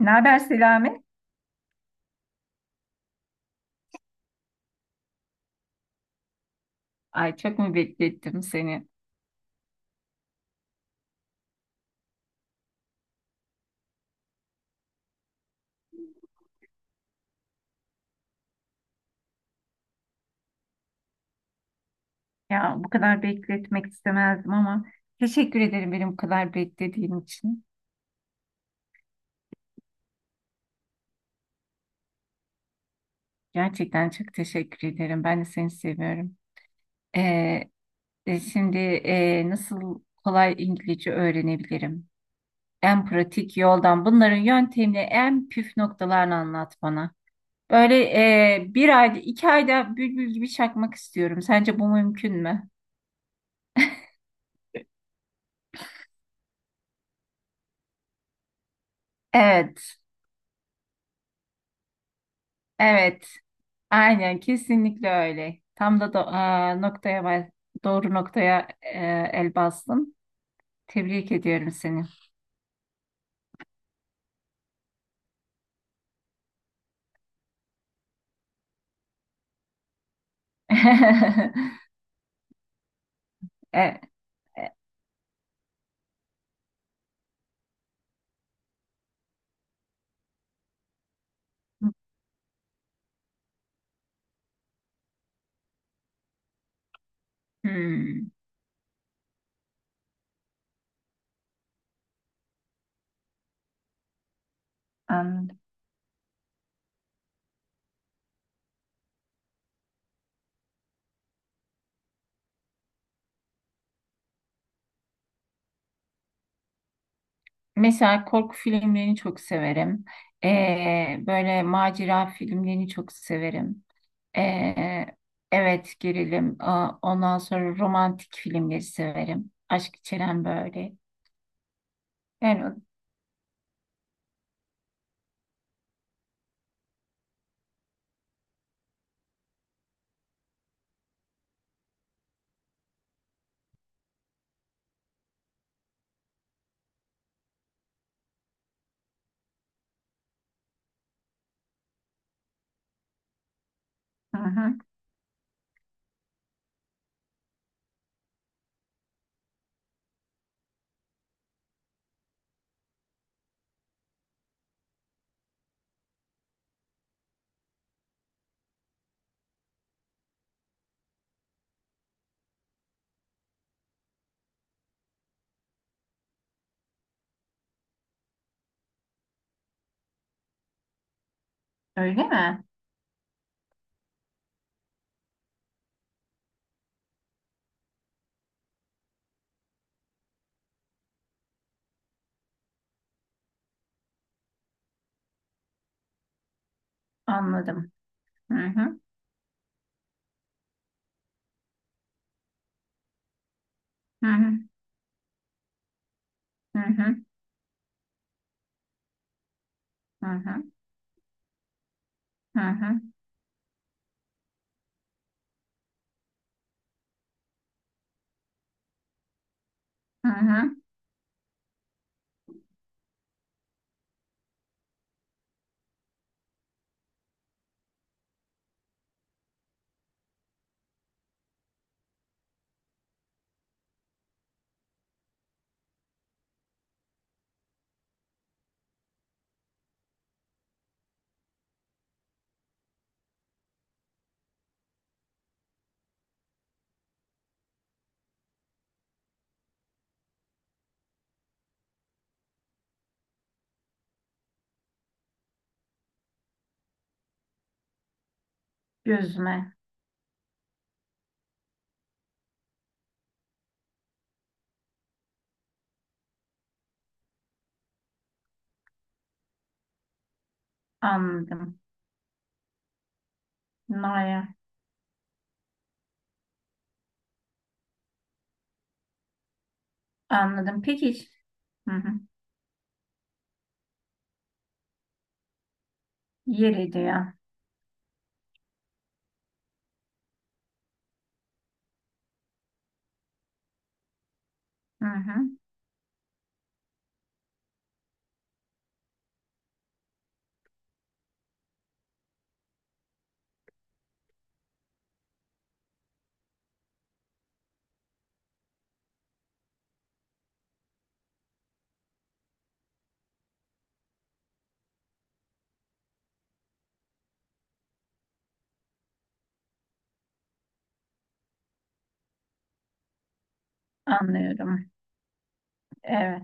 Ne haber Selami? Ay çok mu beklettim seni? Ya bu kadar bekletmek istemezdim ama teşekkür ederim benim bu kadar beklediğin için. Gerçekten çok teşekkür ederim. Ben de seni seviyorum. Ee, şimdi nasıl kolay İngilizce öğrenebilirim? En pratik yoldan bunların yöntemini en püf noktalarını anlat bana. Böyle bir ayda iki ayda bülbül gibi çakmak istiyorum. Sence bu mümkün mü? Evet, evet. Aynen kesinlikle öyle. Tam da do- aa, noktaya bas- Doğru noktaya el bastın. Tebrik ediyorum seni. E, e, hmm, anladım. Mesela korku filmlerini çok severim. Böyle macera filmlerini çok severim. E, evet gerilim. Aa, ondan sonra romantik filmleri severim. Aşk içeren böyle. Yani, o- hı hı. Öyle mi? Anladım. Hı hı. Hı hı. Hı hı. Hı hı, hı hı, hı hı. Gözüme anladım. Naya anladım. Peki. Hı hı. Yeri diyor. Hı hı. Anlıyorum. Evet.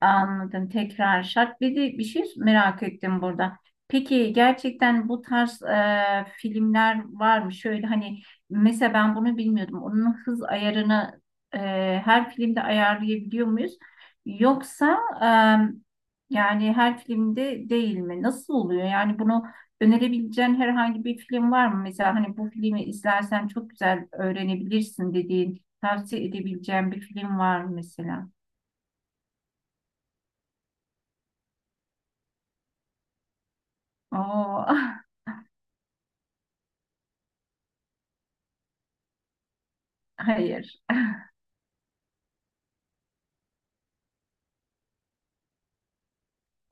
Anladım. Tekrar şart. Bir de bir şey merak ettim burada. Peki gerçekten bu tarz filmler var mı? Şöyle hani mesela ben bunu bilmiyordum. Onun hız ayarını e, her filmde ayarlayabiliyor muyuz? Yoksa yani her filmde değil mi? Nasıl oluyor? Yani bunu önerebileceğin herhangi bir film var mı? Mesela hani bu filmi izlersen çok güzel öğrenebilirsin dediğin, tavsiye edebileceğin bir film var mı mesela? Oo. Hayır.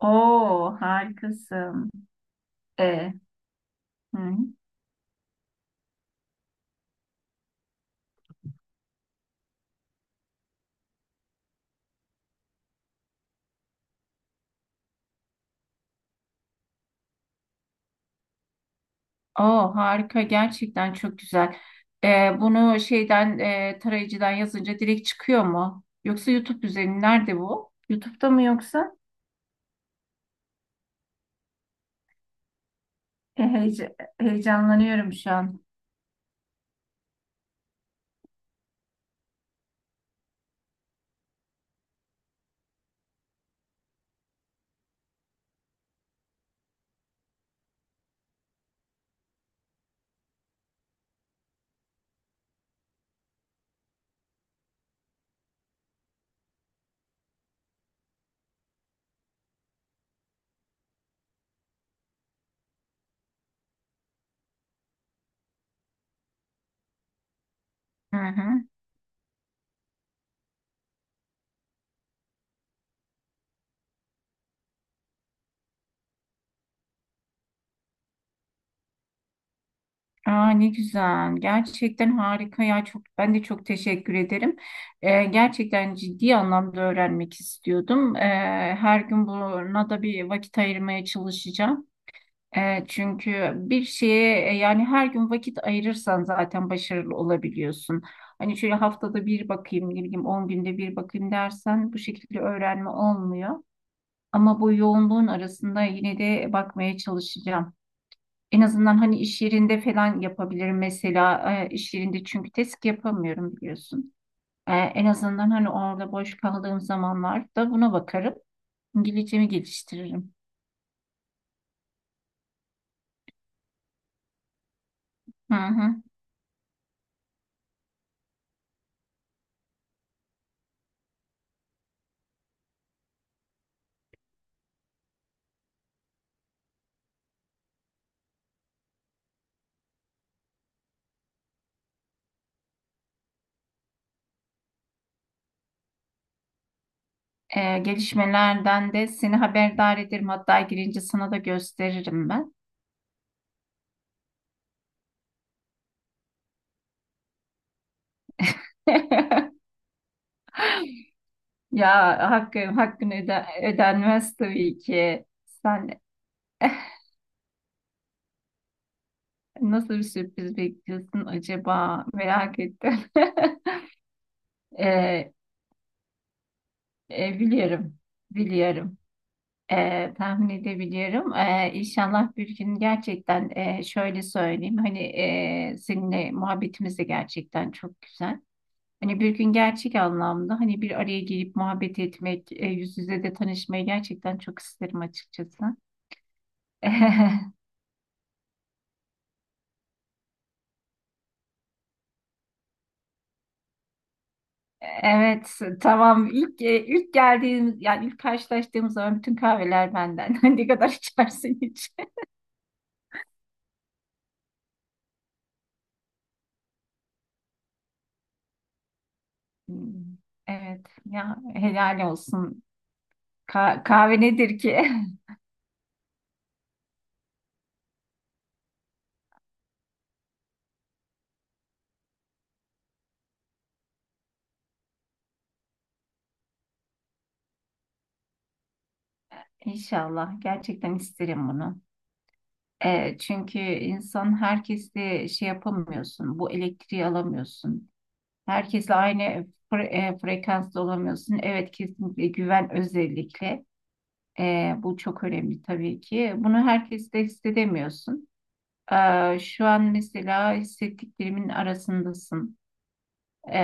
Oo harikasın. E. Hı. Oo harika gerçekten çok güzel. E, bunu şeyden tarayıcıdan yazınca direkt çıkıyor mu? Yoksa YouTube üzerinden nerede bu? YouTube'da mı yoksa? E, heyece- heyecanlanıyorum şu an. Hı hı. Aa, ne güzel. Gerçekten harika ya. Çok, ben de çok teşekkür ederim. Gerçekten ciddi anlamda öğrenmek istiyordum. Her gün buna da bir vakit ayırmaya çalışacağım. Çünkü bir şeye yani her gün vakit ayırırsan zaten başarılı olabiliyorsun. Hani şöyle haftada bir bakayım, ne bileyim 10 günde bir bakayım dersen bu şekilde öğrenme olmuyor. Ama bu yoğunluğun arasında yine de bakmaya çalışacağım. En azından hani iş yerinde falan yapabilirim mesela iş yerinde çünkü test yapamıyorum biliyorsun. En azından hani orada boş kaldığım zamanlarda buna bakarım. İngilizcemi geliştiririm. Hı hı. Gelişmelerden de seni haberdar ederim. Hatta girince sana da gösteririm ben. Ya hakkını ödenmez tabii ki. Sen nasıl bir sürpriz bekliyorsun acaba? Merak ettim. Ee, biliyorum, biliyorum. Tahmin edebiliyorum. İnşallah bir gün gerçekten şöyle söyleyeyim. Hani seninle muhabbetimiz de gerçekten çok güzel. Hani bir gün gerçek anlamda hani bir araya gelip muhabbet etmek, yüz yüze de tanışmayı gerçekten çok isterim açıkçası. Evet, tamam. İlk ilk geldiğimiz yani ilk karşılaştığımız zaman bütün kahveler benden. Ne kadar içersin hiç? Hmm, evet, ya helal olsun. Kahve nedir ki? İnşallah gerçekten isterim bunu. Çünkü insan herkesle şey yapamıyorsun, bu elektriği alamıyorsun. Herkesle aynı frekansta olamıyorsun. Evet kesinlikle güven özellikle. Bu çok önemli tabii ki. Bunu herkes de hissedemiyorsun. Şu an mesela hissettiklerimin arasındasın.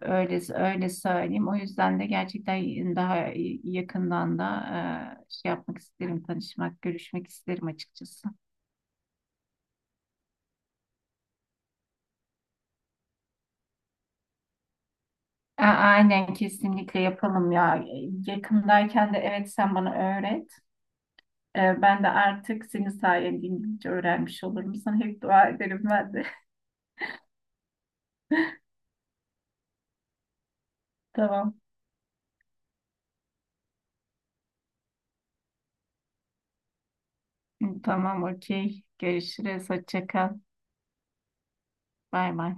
Öyle öyle söyleyeyim. O yüzden de gerçekten daha yakından da şey yapmak isterim, tanışmak, görüşmek isterim açıkçası. Aynen kesinlikle yapalım ya. Yakındayken de evet sen bana öğret. Ben de artık senin sayende İngilizce öğrenmiş olurum. Sana hep dua ederim ben de. Tamam. Tamam, okey. Görüşürüz. Hoşça kal. Bay bay.